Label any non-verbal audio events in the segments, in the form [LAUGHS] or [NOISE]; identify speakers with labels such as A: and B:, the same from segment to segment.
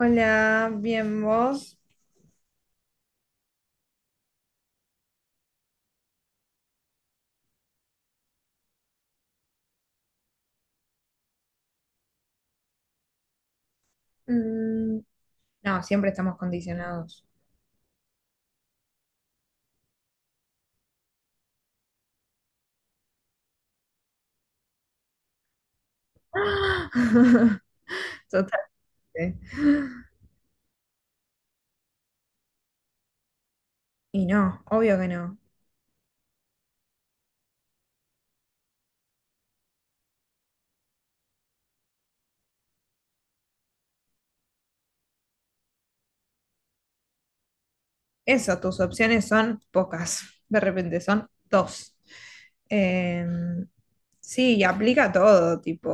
A: Hola, bien vos. Mm, no, siempre estamos condicionados. [LAUGHS] Totalmente. Y no, obvio que no. Eso, tus opciones son pocas. De repente son dos. Eh, sí, y aplica todo, tipo,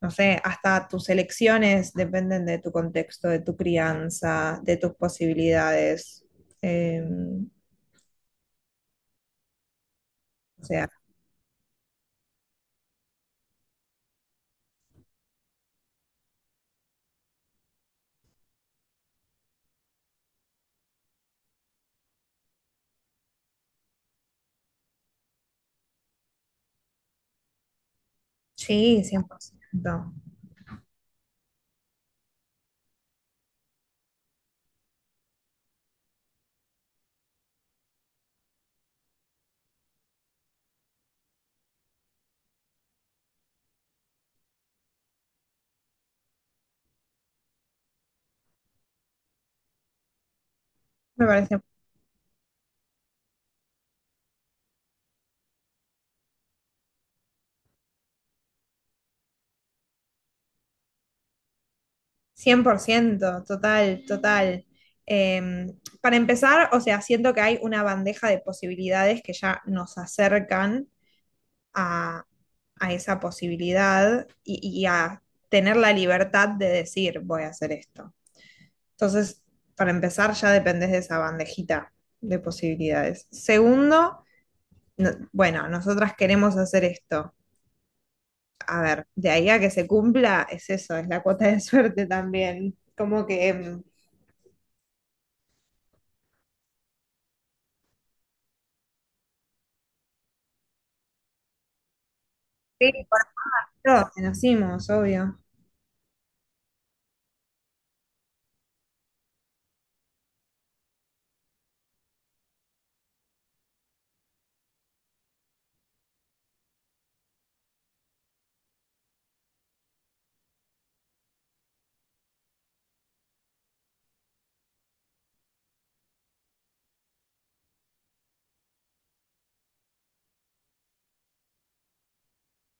A: no sé, hasta tus elecciones dependen de tu contexto, de tu crianza, de tus posibilidades. Eh, o sea, sí, 100%. Me parece 100%, total, total. Para empezar, o sea, siento que hay una bandeja de posibilidades que ya nos acercan a, a esa posibilidad y a tener la libertad de decir, voy a hacer esto. Entonces, para empezar, ya dependés de esa bandejita de posibilidades. Segundo, bueno, nosotras queremos hacer esto. A ver, de ahí a que se cumpla, es eso, es la cuota de suerte también. Como que, sí. Todos conocimos, obvio.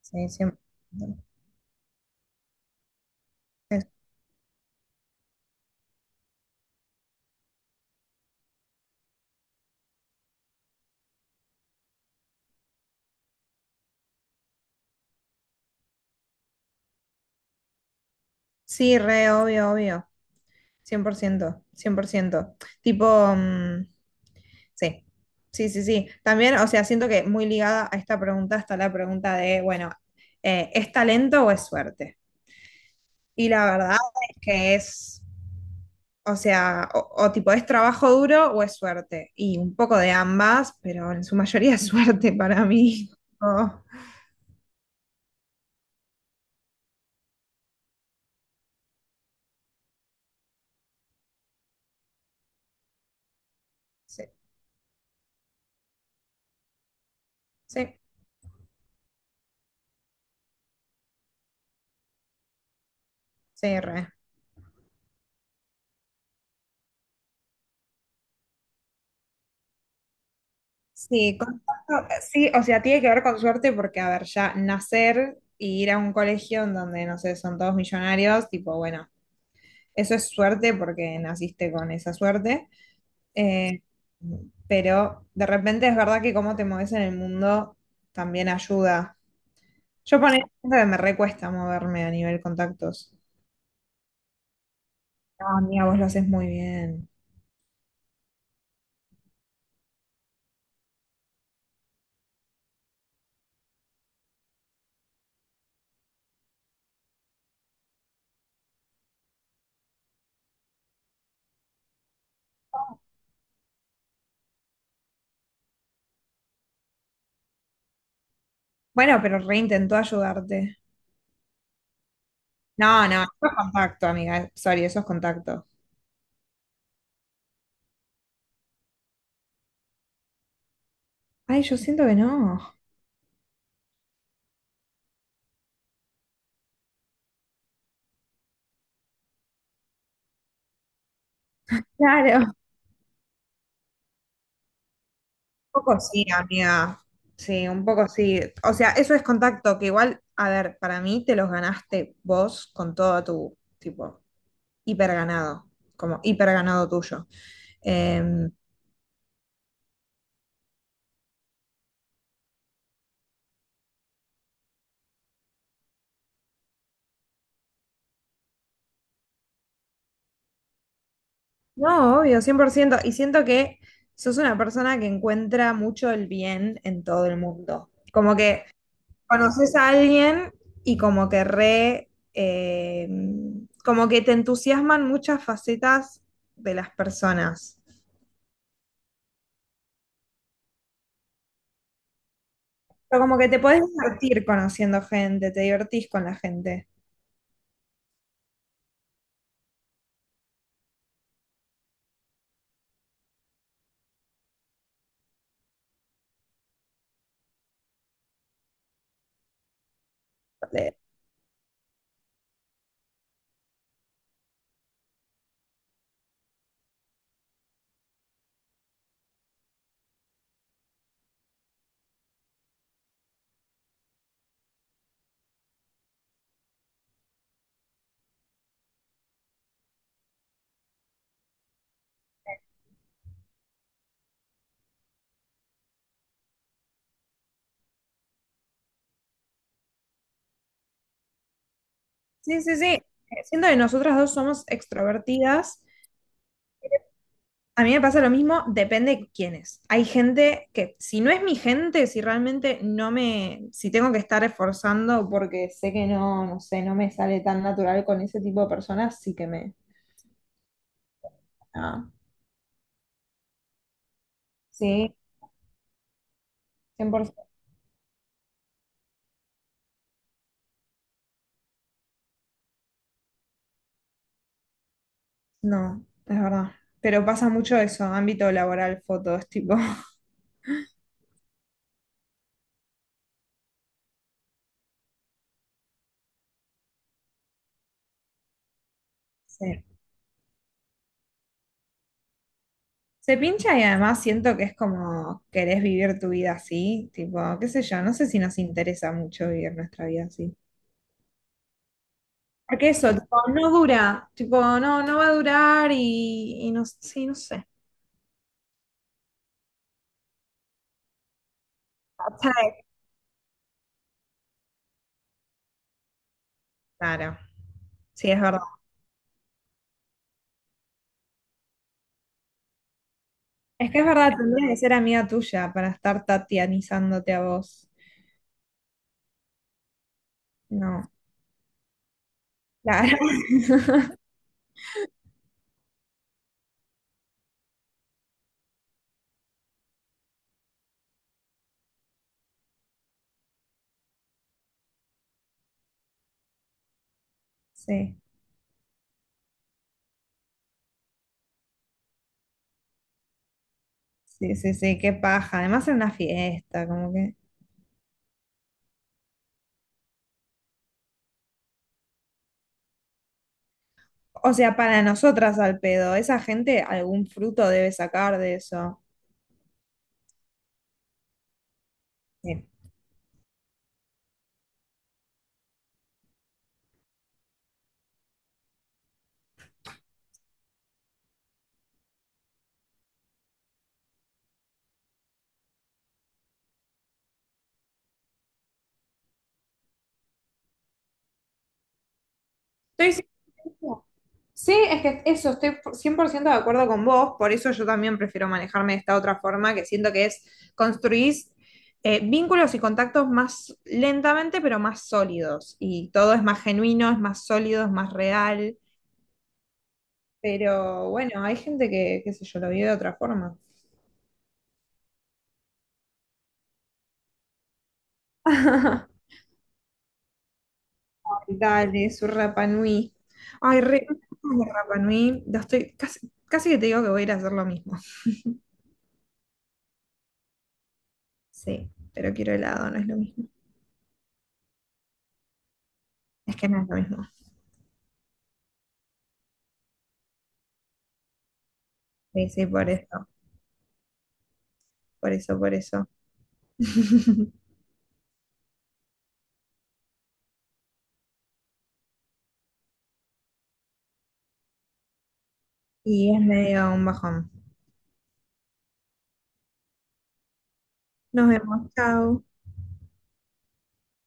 A: Sí, 100%. Es- Sí, re, obvio, obvio. Cien por ciento, cien por ciento. Tipo, mm, sí, sí, sí, sí. También, o sea, siento que muy ligada a esta pregunta está la pregunta de, bueno, ¿es talento o es suerte? Y la verdad es que es, o sea, o tipo, ¿es trabajo duro o es suerte? Y un poco de ambas, pero en su mayoría es suerte para mí. [LAUGHS] Oh, sí, sí, sí, re. Sí, sí, o sea, tiene que ver con suerte porque, a ver, ya nacer y ir a un colegio en donde, no sé, son todos millonarios, tipo, bueno, eso es suerte porque naciste con esa suerte, eh, pero de repente es verdad que cómo te mueves en el mundo también ayuda. Yo ponía que me recuesta moverme a nivel contactos. No, amiga, vos lo haces muy bien. Bueno, pero reintentó ayudarte. No, no, eso es contacto, amiga, sorry, eso es contacto. Ay, yo siento que no. Claro. Un poco sí, amiga. Sí, un poco sí. O sea, eso es contacto, que igual, a ver, para mí te los ganaste vos con todo tu, tipo, hiper ganado, como hiper ganado tuyo. Eh, no, obvio, 100%. Y siento que sos una persona que encuentra mucho el bien en todo el mundo. Como que conoces a alguien y como que re, como que te entusiasman muchas facetas de las personas. Pero como que te podés divertir conociendo gente, te divertís con la gente. Le- Sí, sí, sí. Siento que nosotras dos somos extrovertidas. A mí me pasa lo mismo, depende quién es. Hay gente que, si no es mi gente, si realmente no me, si tengo que estar esforzando porque sé que no, no sé, no me sale tan natural con ese tipo de personas, sí que me... Ah, sí, 100%. No, es verdad. Pero pasa mucho eso, ámbito laboral, fotos, tipo. [LAUGHS] Sí. Se pincha y además siento que es como querés vivir tu vida así, tipo, qué sé yo, no sé si nos interesa mucho vivir nuestra vida así. Porque eso, tipo, no dura, tipo, no, no va a durar y no, sí, no sé. ¿Sabes? Claro, sí, es verdad. Es que es verdad, tendría que ser amiga tuya para estar tatianizándote a vos. No, claro. [LAUGHS] Sí, sí, sí, sí, qué paja. Además en una fiesta, como que. O sea, para nosotras al pedo, esa gente algún fruto debe sacar de eso. Sí. Estoy 100%. Sí, es que eso, estoy 100% de acuerdo con vos, por eso yo también prefiero manejarme de esta otra forma, que siento que es construir vínculos y contactos más lentamente, pero más sólidos. Y todo es más genuino, es más sólido, es más real. Pero bueno, hay gente que, qué sé yo, lo vive de otra forma. [LAUGHS] Dale, su Rapa Nui. Ay, re, de Rapa Nui. Ya estoy, casi, casi que te digo que voy a ir a hacer lo mismo. Sí, pero quiero helado, no es lo mismo. Es que no es lo mismo. Sí, sí, por eso, por eso, por eso. [LAUGHS] Y es medio un bajón. Nos vemos, chao.